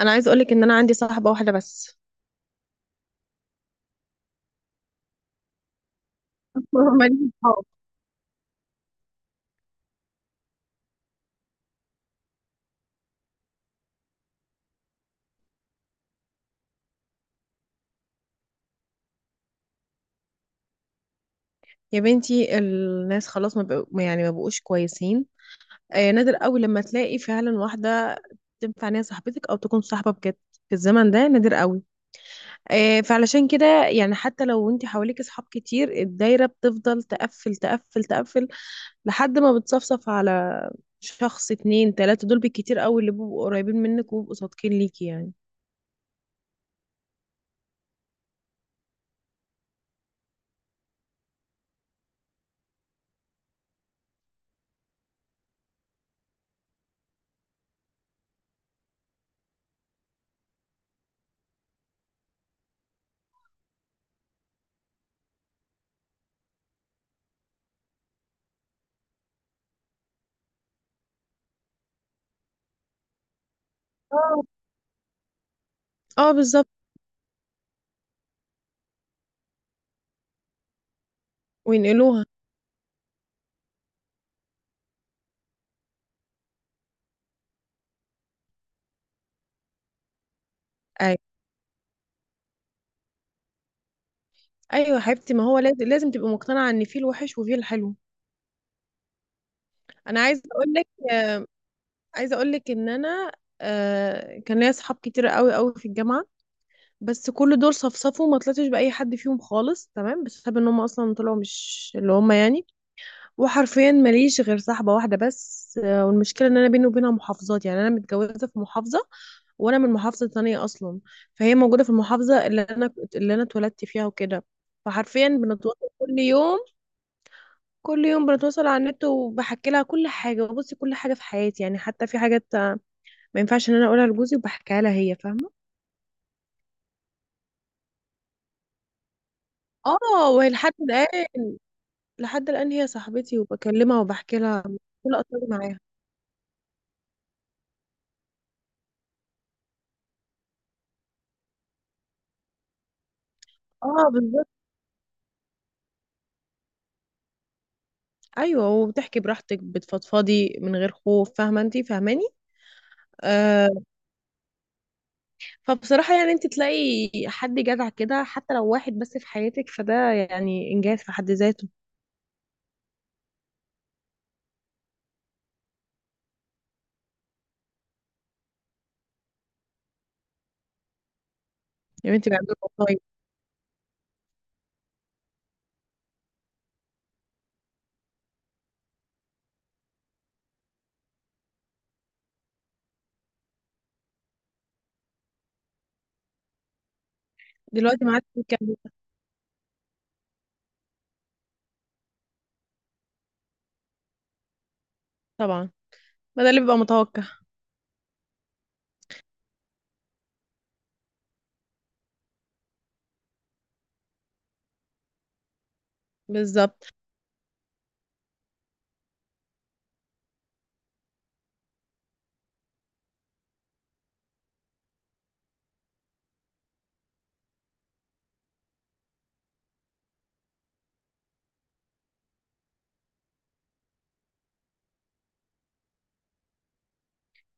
انا عايز اقولك ان انا عندي صاحبه واحده بس. ماليش صحاب. يا بنتي الناس خلاص ما بقوا يعني ما بقوش كويسين. آه، نادر قوي لما تلاقي فعلا واحده تنفع ان هي صاحبتك او تكون صاحبه بجد، في الزمن ده نادر قوي. آه، فعلشان كده يعني حتى لو انت حواليك اصحاب كتير، الدايره بتفضل تقفل تقفل تقفل لحد ما بتصفصف على شخص، اتنين، تلاته، دول بالكتير قوي اللي بيبقوا قريبين منك وبيبقوا صادقين ليكي يعني. اه، اه، بالظبط. وينقلوها. ايوه يا حبيبتي، ما هو لازم لازم تبقى مقتنعه ان في الوحش وفي الحلو. انا عايزه اقول لك ان انا كان ليا اصحاب كتير قوي قوي في الجامعه. بس كل دول صفصفوا وما طلعتش باي حد فيهم خالص، تمام، بسبب ان هم اصلا طلعوا مش اللي هم يعني. وحرفيا ماليش غير صاحبه واحده بس، والمشكله ان انا بيني وبينها محافظات، يعني انا متجوزه في محافظه وانا من محافظه تانية اصلا. فهي موجوده في المحافظه اللي انا اتولدت فيها وكده. فحرفيا بنتواصل كل يوم، كل يوم بنتواصل على النت وبحكي لها كل حاجه وبصي كل حاجه في حياتي، يعني حتى في حاجات ما ينفعش ان انا اقولها لجوزي وبحكيها لها هي فاهمه. اه، وهي لحد الان، لحد الان هي صاحبتي وبكلمها وبحكي لها كل اسراري معاها. اه، بالظبط. ايوه، وبتحكي براحتك بتفضفضي من غير خوف، فاهمه، انت فاهماني؟ آه فبصراحه يعني انت تلاقي حد جدع كده، حتى لو واحد بس في حياتك، فده يعني انجاز في حد ذاته. يا بنتي بعد الله والله. دلوقتي ما عادش بتكلم. طبعا، ما ده اللي بيبقى متوقع بالظبط.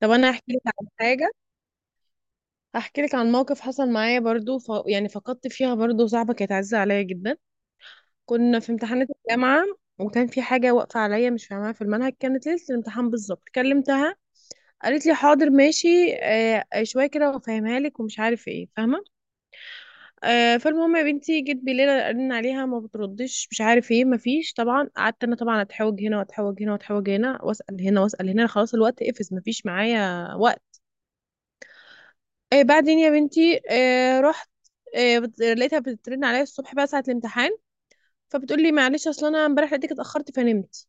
طب انا احكي لك عن حاجه، احكي لك عن موقف حصل معايا برضو، يعني فقدت فيها برضو صاحبه كانت عزيزه عليا جدا. كنا في امتحانات الجامعه، وكان في حاجه واقفه عليا مش فاهماها في المنهج، كانت ليله الامتحان بالظبط كلمتها، قالت لي حاضر ماشي شويه كده وافهمها لك ومش عارف ايه، فاهمه. فالمهم يا بنتي، جيت بالليل ارن عليها ما بتردش، مش عارف ايه، ما فيش، طبعا قعدت انا طبعا اتحوج هنا واتحوج هنا واتحوج هنا واسال هنا واسال هنا، خلاص الوقت قفز ما فيش معايا وقت. بعدين يا بنتي رحت، لقيتها بترن عليا الصبح بقى ساعة الامتحان، فبتقول لي معلش اصل انا امبارح لقيتك اتأخرت فنمت.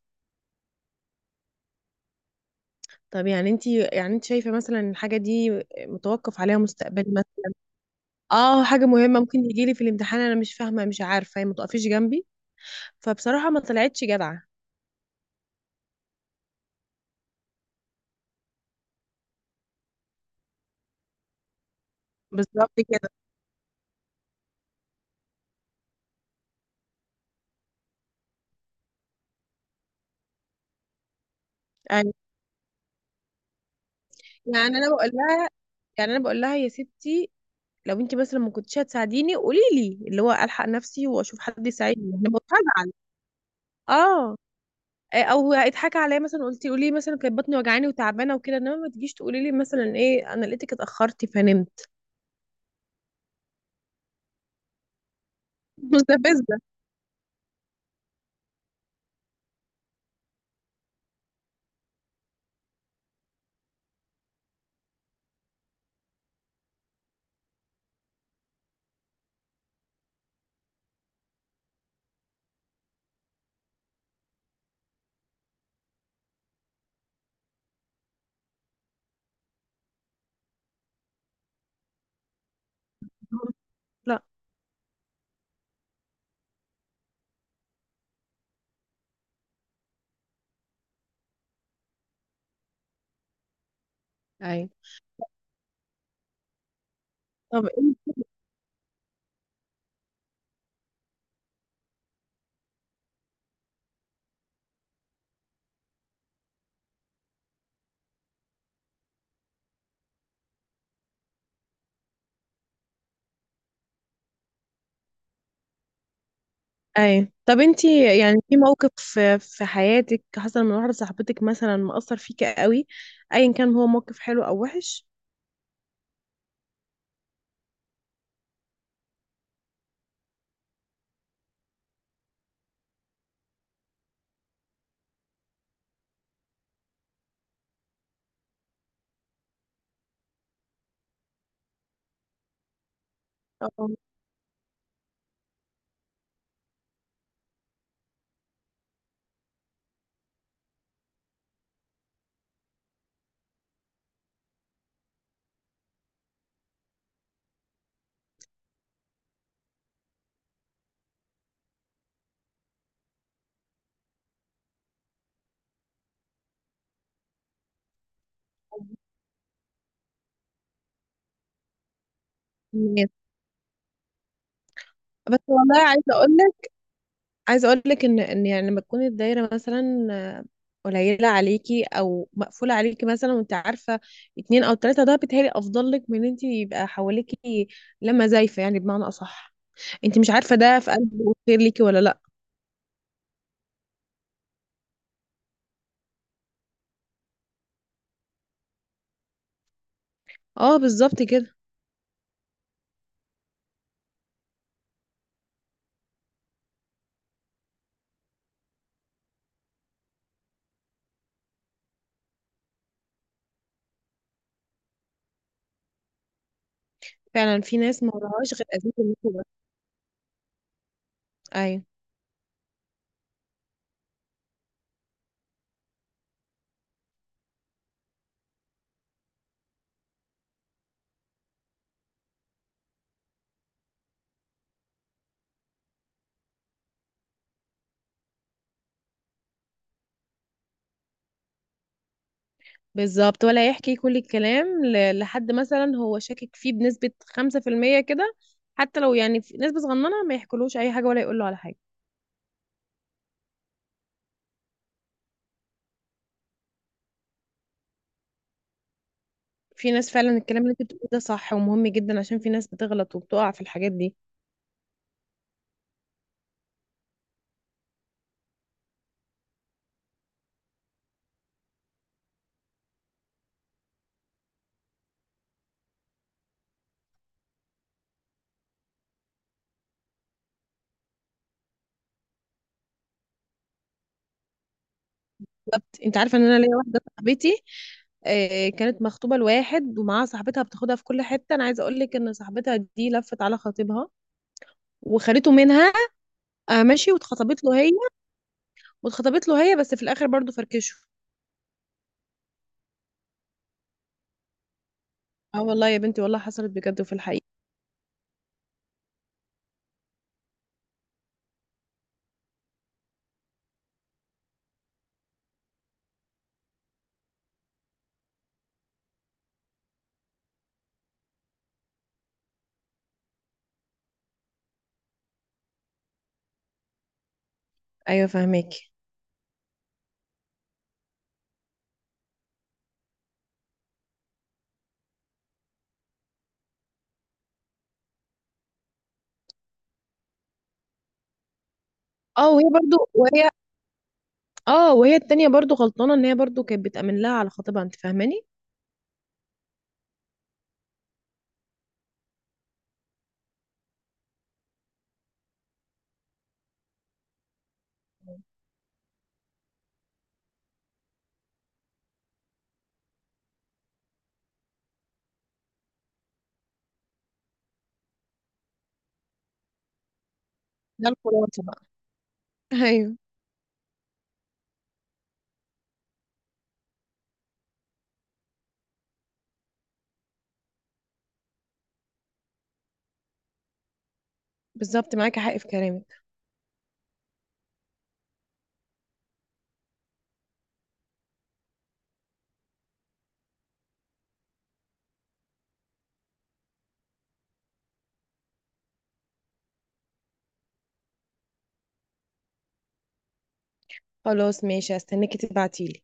طب يعني انت شايفة مثلا إن الحاجة دي متوقف عليها مستقبلي مثلا؟ اه، حاجة مهمة ممكن يجي لي في الامتحان، انا مش فاهمة، مش عارفة هي ما تقفيش جنبي. فبصراحة ما طلعتش جدعة. بالظبط كده. يعني يعني انا بقول لها يا ستي، لو انت مثلا ما كنتش هتساعديني قولي لي، اللي هو الحق نفسي واشوف حد يساعدني، انا بقول هزعل. اه. او اتحكى عليا مثلا، قلتي قولي لي مثلا كانت بطني وجعاني وتعبانه وكده، انما ما تجيش تقولي لي مثلا ايه، انا لقيتك اتاخرتي فنمت. مستفزه. لا، ايوه. طب انت، اي طب انتي يعني في موقف في حياتك حصل من واحده صاحبتك مثلا مأثر فيكي قوي؟ ايا كان هو موقف حلو او وحش. أو- أو- بس والله عايزه اقول لك ان يعني لما تكون الدايره مثلا قليله عليكي او مقفوله عليكي مثلا، وانت عارفه اتنين او تلاته، ده بيتهيألي افضل لك من ان انت يبقى حواليكي لما زايفه، يعني بمعنى اصح انت مش عارفه ده في قلبه خير ليكي ولا لا. اه، بالظبط كده. فعلا في ناس ما وراهاش غير اذيه الناس بس. ايوه. بالظبط، ولا يحكي كل الكلام لحد مثلا هو شاكك فيه بنسبه 5% كده، حتى لو يعني في نسبه صغننه، ما يحكولوش اي حاجه ولا يقول له على حاجه. في ناس فعلا الكلام اللي انت بتقوله ده صح ومهم جدا، عشان في ناس بتغلط وبتقع في الحاجات دي. انت عارفه ان انا ليا واحده صاحبتي كانت مخطوبه لواحد ومعاها صاحبتها بتاخدها في كل حته، انا عايزه اقول لك ان صاحبتها دي لفت على خطيبها وخدته منها. ماشي، واتخطبت له هي بس في الاخر برضو فركشوا. اه، والله يا بنتي والله حصلت بجد، وفي الحقيقه. ايوه، فهماكي. اه وهي التانية برضو غلطانه ان هي برضو كانت بتأمن لها على خطيبها، انت فاهماني؟ ده الخلاصه بقى. ايوه. بالظبط، معاكي حق في كلامك. خلاص ماشي، هستناكي تبعتيلي.